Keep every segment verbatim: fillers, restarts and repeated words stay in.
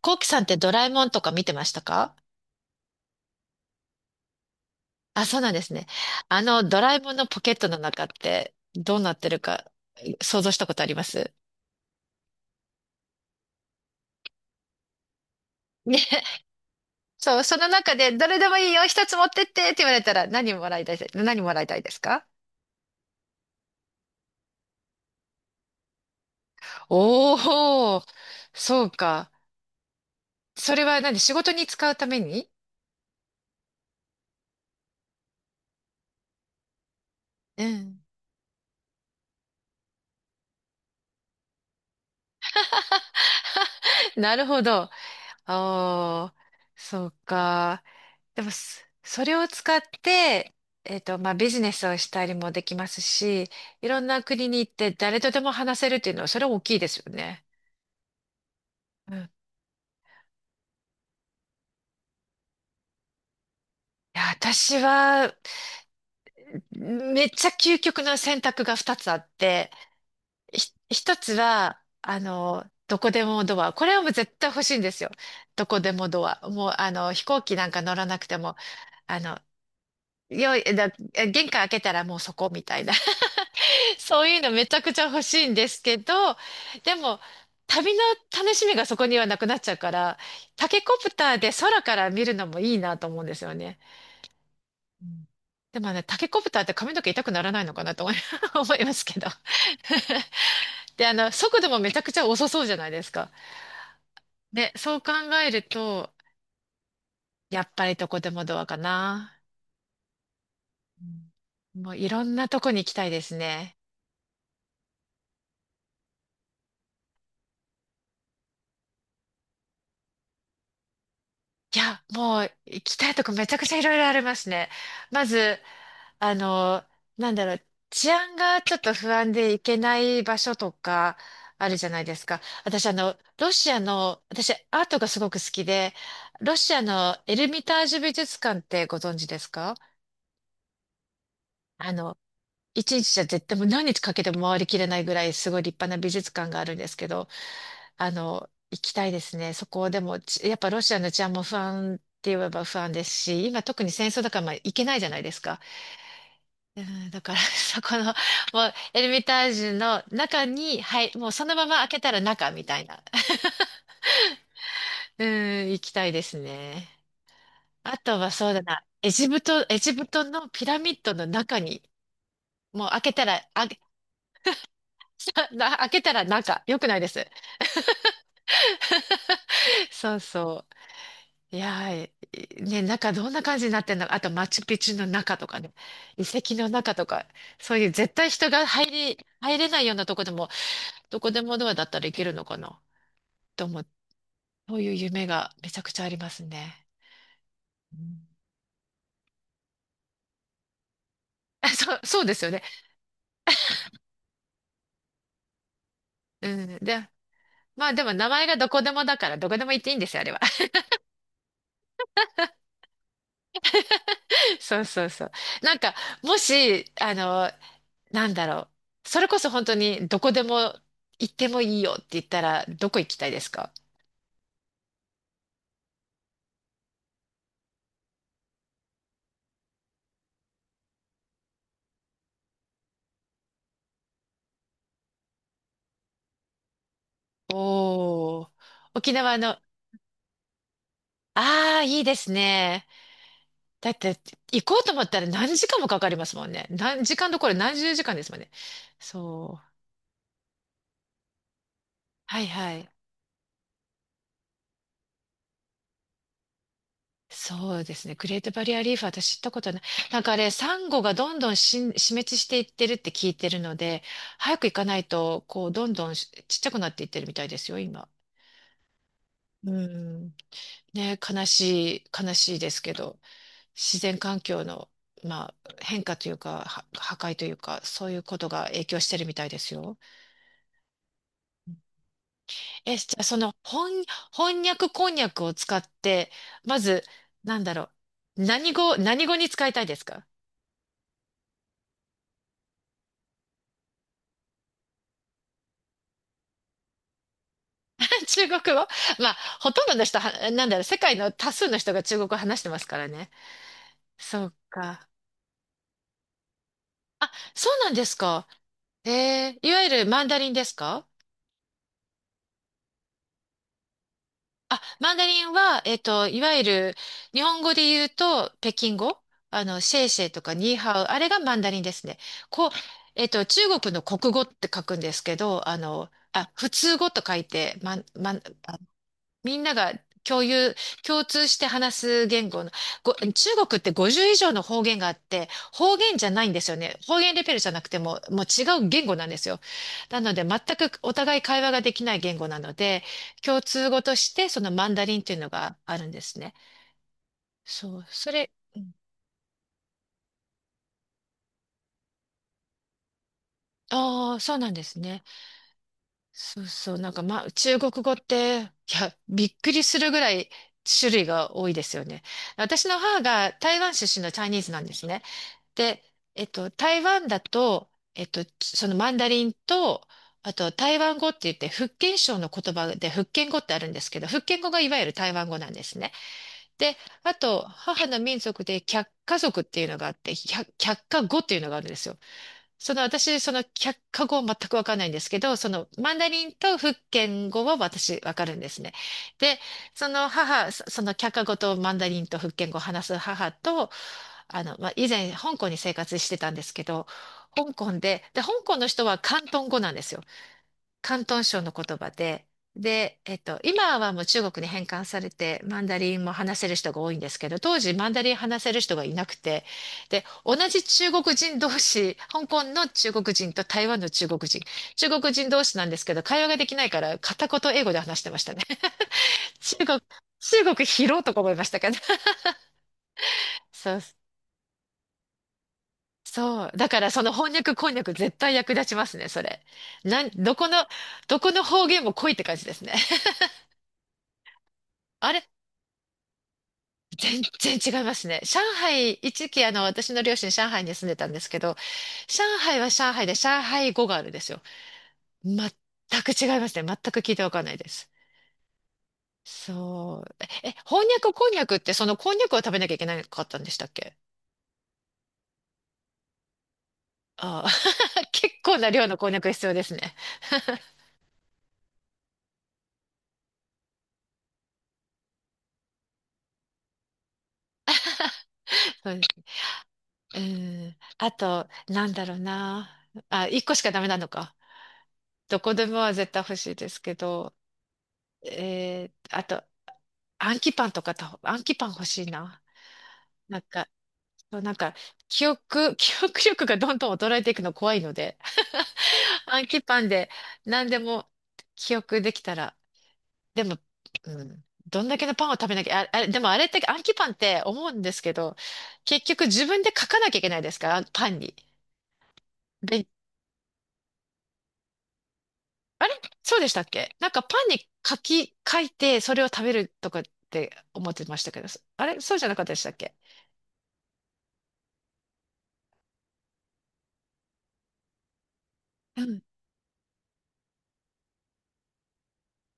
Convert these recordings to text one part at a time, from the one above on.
コウキさんってドラえもんとか見てましたか？あ、そうなんですね。あの、ドラえもんのポケットの中ってどうなってるか想像したことありますね。そう、その中でどれでもいいよ、一つ持ってってって言われたら何もらいたいです、何もらいたいですか？おー、そうか。それは何？仕事に使うために？うん。なるほど。ああ、そうか。でもそそれを使って、えっと、まあ、ビジネスをしたりもできますし、いろんな国に行って誰とでも話せるっていうのは、それは大きいですよね。うん。いや、私は、めっちゃ究極の選択がふたつあって、ひ、ひとつは、あの、どこでもドア。これはもう絶対欲しいんですよ。どこでもドア。もう、あの、飛行機なんか乗らなくても、あの、よい、だ、玄関開けたらもうそこみたいな。そういうのめちゃくちゃ欲しいんですけど、でも、旅の楽しみがそこにはなくなっちゃうから、タケコプターで空から見るのもいいなと思うんですよね。うん。でもね、タケコプターって髪の毛痛くならないのかなと思い 思いますけど。で、あの、速度もめちゃくちゃ遅そうじゃないですか。で、そう考えると、やっぱりどこでもドアかな。うん。もういろんなとこに行きたいですね。いや、もう行きたいとこめちゃくちゃいろいろありますね。まず、あの、なんだろう、治安がちょっと不安で行けない場所とかあるじゃないですか。私、あの、ロシアの、私、アートがすごく好きで、ロシアのエルミタージュ美術館ってご存知ですか？あの、一日じゃ絶対もう何日かけても回りきれないぐらいすごい立派な美術館があるんですけど、あの、行きたいですね。そこでも、ちやっぱロシアの治安も不安って言えば不安ですし、今特に戦争だからまあ行けないじゃないですか。うん、だから、そこの、もう、エルミタージュの中に、はい、もうそのまま開けたら中みたいな。うん、行きたいですね。あとはそうだな、エジプト、エジプトのピラミッドの中に、もう開けたら、あ、な開けたら中、よくないです。そうそう。いやー、いね、中どんな感じになってんのか。あと、マチュピチュの中とかね、遺跡の中とか、そういう絶対人が入り、入れないようなとこでも、どこでもドアだったらいけるのかな。と思って、そういう夢がめちゃくちゃありますね。あそう、そうですよね。うん。で、まあでも名前がどこでもだからどこでも行っていいんですよ、あれは。そうそうそう。なんか、もし、あの、なんだろう。それこそ本当にどこでも行ってもいいよって言ったら、どこ行きたいですか？おー。沖縄の、ああ、いいですね。だって、行こうと思ったら何時間もかかりますもんね。何時間どころ、何十時間ですもんね。そう。はいはい。そうですね。グレートバリアリーフ、私知ったことない。なんかあれ、サンゴがどんどん死ん死滅していってるって聞いてるので、早く行かないと、こう、どんどんしちっちゃくなっていってるみたいですよ、今。うん。ね、悲しい、悲しいですけど、自然環境の、まあ、変化というか、は破壊というか、そういうことが影響してるみたいですよ。え、じゃあその翻、翻訳こんにゃくを使って、まず、なんだろう、何語、何語に使いたいですか？ 中国語。まあ、ほとんどの人は、なんだろう、世界の多数の人が中国語話してますからね。そうか。あ、そうなんですか。えー、いわゆるマンダリンですか？あ、マンダリンは、えっと、いわゆる日本語で言うと北京語、あの、シェイシェイとかニーハオ、あれがマンダリンですね。こう、えっと、中国の国語って書くんですけど、あの、あ、普通語と書いて、ま、ま、マみんなが共有、共通して話す言語の、ご、中国ってごじゅう以上の方言があって、方言じゃないんですよね。方言レベルじゃなくても、もう違う言語なんですよ。なので、全くお互い会話ができない言語なので、共通語としてそのマンダリンっていうのがあるんですね。そう、それ、ああー、そうなんですね。そうそう、なんかまあ、中国語って、いや、びっくりするぐらい種類が多いですよね。私の母が台湾出身のチャイニーズなんですね。で、えっと、台湾だと、えっと、そのマンダリンと、あと台湾語って言って、福建省の言葉で福建語ってあるんですけど、福建語がいわゆる台湾語なんですね。で、あと、母の民族で客家族っていうのがあって、百客家語っていうのがあるんですよ。その私、その客家語は全くわかんないんですけど、そのマンダリンと福建語は私わかるんですね。で、その母、そその客家語とマンダリンと福建語を話す母と、あの、まあ、以前香港に生活してたんですけど、香港で、で、香港の人は広東語なんですよ。広東省の言葉で、で、えっと、今はもう中国に返還されて、マンダリンも話せる人が多いんですけど、当時マンダリン話せる人がいなくて、で、同じ中国人同士、香港の中国人と台湾の中国人、中国人同士なんですけど、会話ができないから片言英語で話してましたね。中国、中国広いとか思いましたけど。そう、そう。だからその翻訳こんにゃく絶対役立ちますね、それ。なん、どこの、どこの方言も濃いって感じですね。あれ全然違いますね。上海、一時期あの私の両親上海に住んでたんですけど、上海は上海で上海語があるんですよ。全く違いますね。全く聞いてわかんないです。そう。え、えこんにゃくこんにゃくってそのこんにゃくを食べなきゃいけなかったんでしたっけ？ああ、結構な量のこんにゃく必要ですね。そうです。うん。あと、なんだろうな。あ、一個しかダメなのか。どこでもは絶対欲しいですけど、えー、あと、あんきパンとかと、あんきパン欲しいな。なんかそう、なんか、記憶、記憶力がどんどん衰えていくの怖いので、暗記パンで何でも記憶できたら、でも、うん、どんだけのパンを食べなきゃ、あ、あれ、でもあれって暗記パンって思うんですけど、結局自分で書かなきゃいけないですから、パンに。で、あれそうでしたっけ？なんかパンに書き、書いてそれを食べるとかって思ってましたけど、あれそうじゃなかったでしたっけ？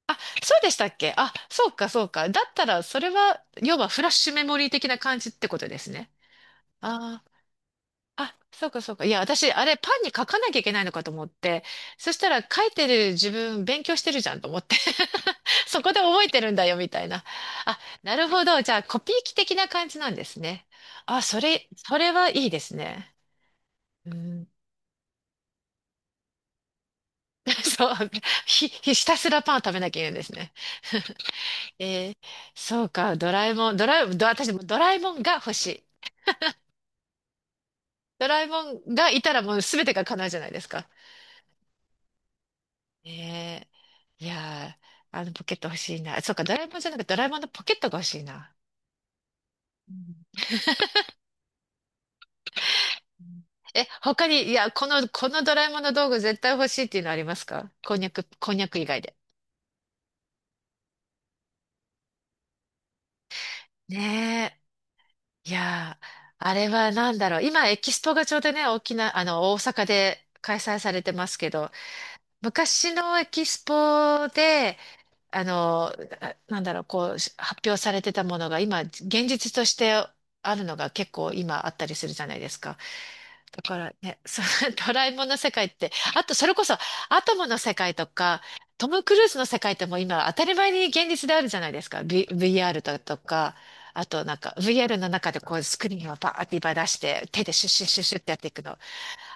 あ、そうでしたっけ？あ、そうか、そうか。だったら、それは、要はフラッシュメモリー的な感じってことですね。ああ、あそうか、そうか。いや、私、あれ、パンに書かなきゃいけないのかと思って、そしたら、書いてる自分、勉強してるじゃんと思って。そこで覚えてるんだよ、みたいな。あ、なるほど。じゃあ、コピー機的な感じなんですね。あ、それ、それはいいですね。うん、そう、ひ、ひたすらパンを食べなきゃいけないんですね。えー、そうか。ドラえもん、ドラえもん、ど私もドラえもんが欲しい。ドラえもんがいたらもう全てが叶うじゃないですか。えー、いやー、あのポケット欲しいな。そうか、ドラえもんじゃなくてドラえもんのポケットが欲しいな。うん。え、他に、いや、この、このドラえもんの道具絶対欲しいっていうのありますか？こんにゃく、こんにゃく以外で。ねえ。いやー、あれは何だろう。今、エキスポがちょうどね、沖縄、あの、大阪で開催されてますけど、昔のエキスポで、あの、あなんだろう、こう、し発表されてたものが今、現実としてあるのが結構今あったりするじゃないですか。だからね、その ドラえもんの世界って、あとそれこそアトムの世界とか、トム・クルーズの世界ってもう今当たり前に現実であるじゃないですか。V、ブイアー r だとか、あとなんか ブイアール の中でこうスクリーンをバーっていっぱい出して手でシュッシュッシュッシュッってやっていくの。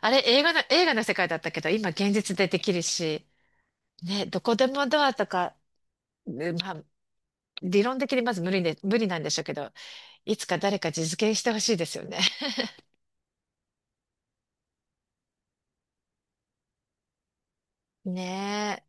あれ映画の、映画の世界だったけど今現実でできるし、ね、どこでもドアとか、ねまあ理論的にまず無理で、無理なんでしょうけど、いつか誰か実現してほしいですよね。ね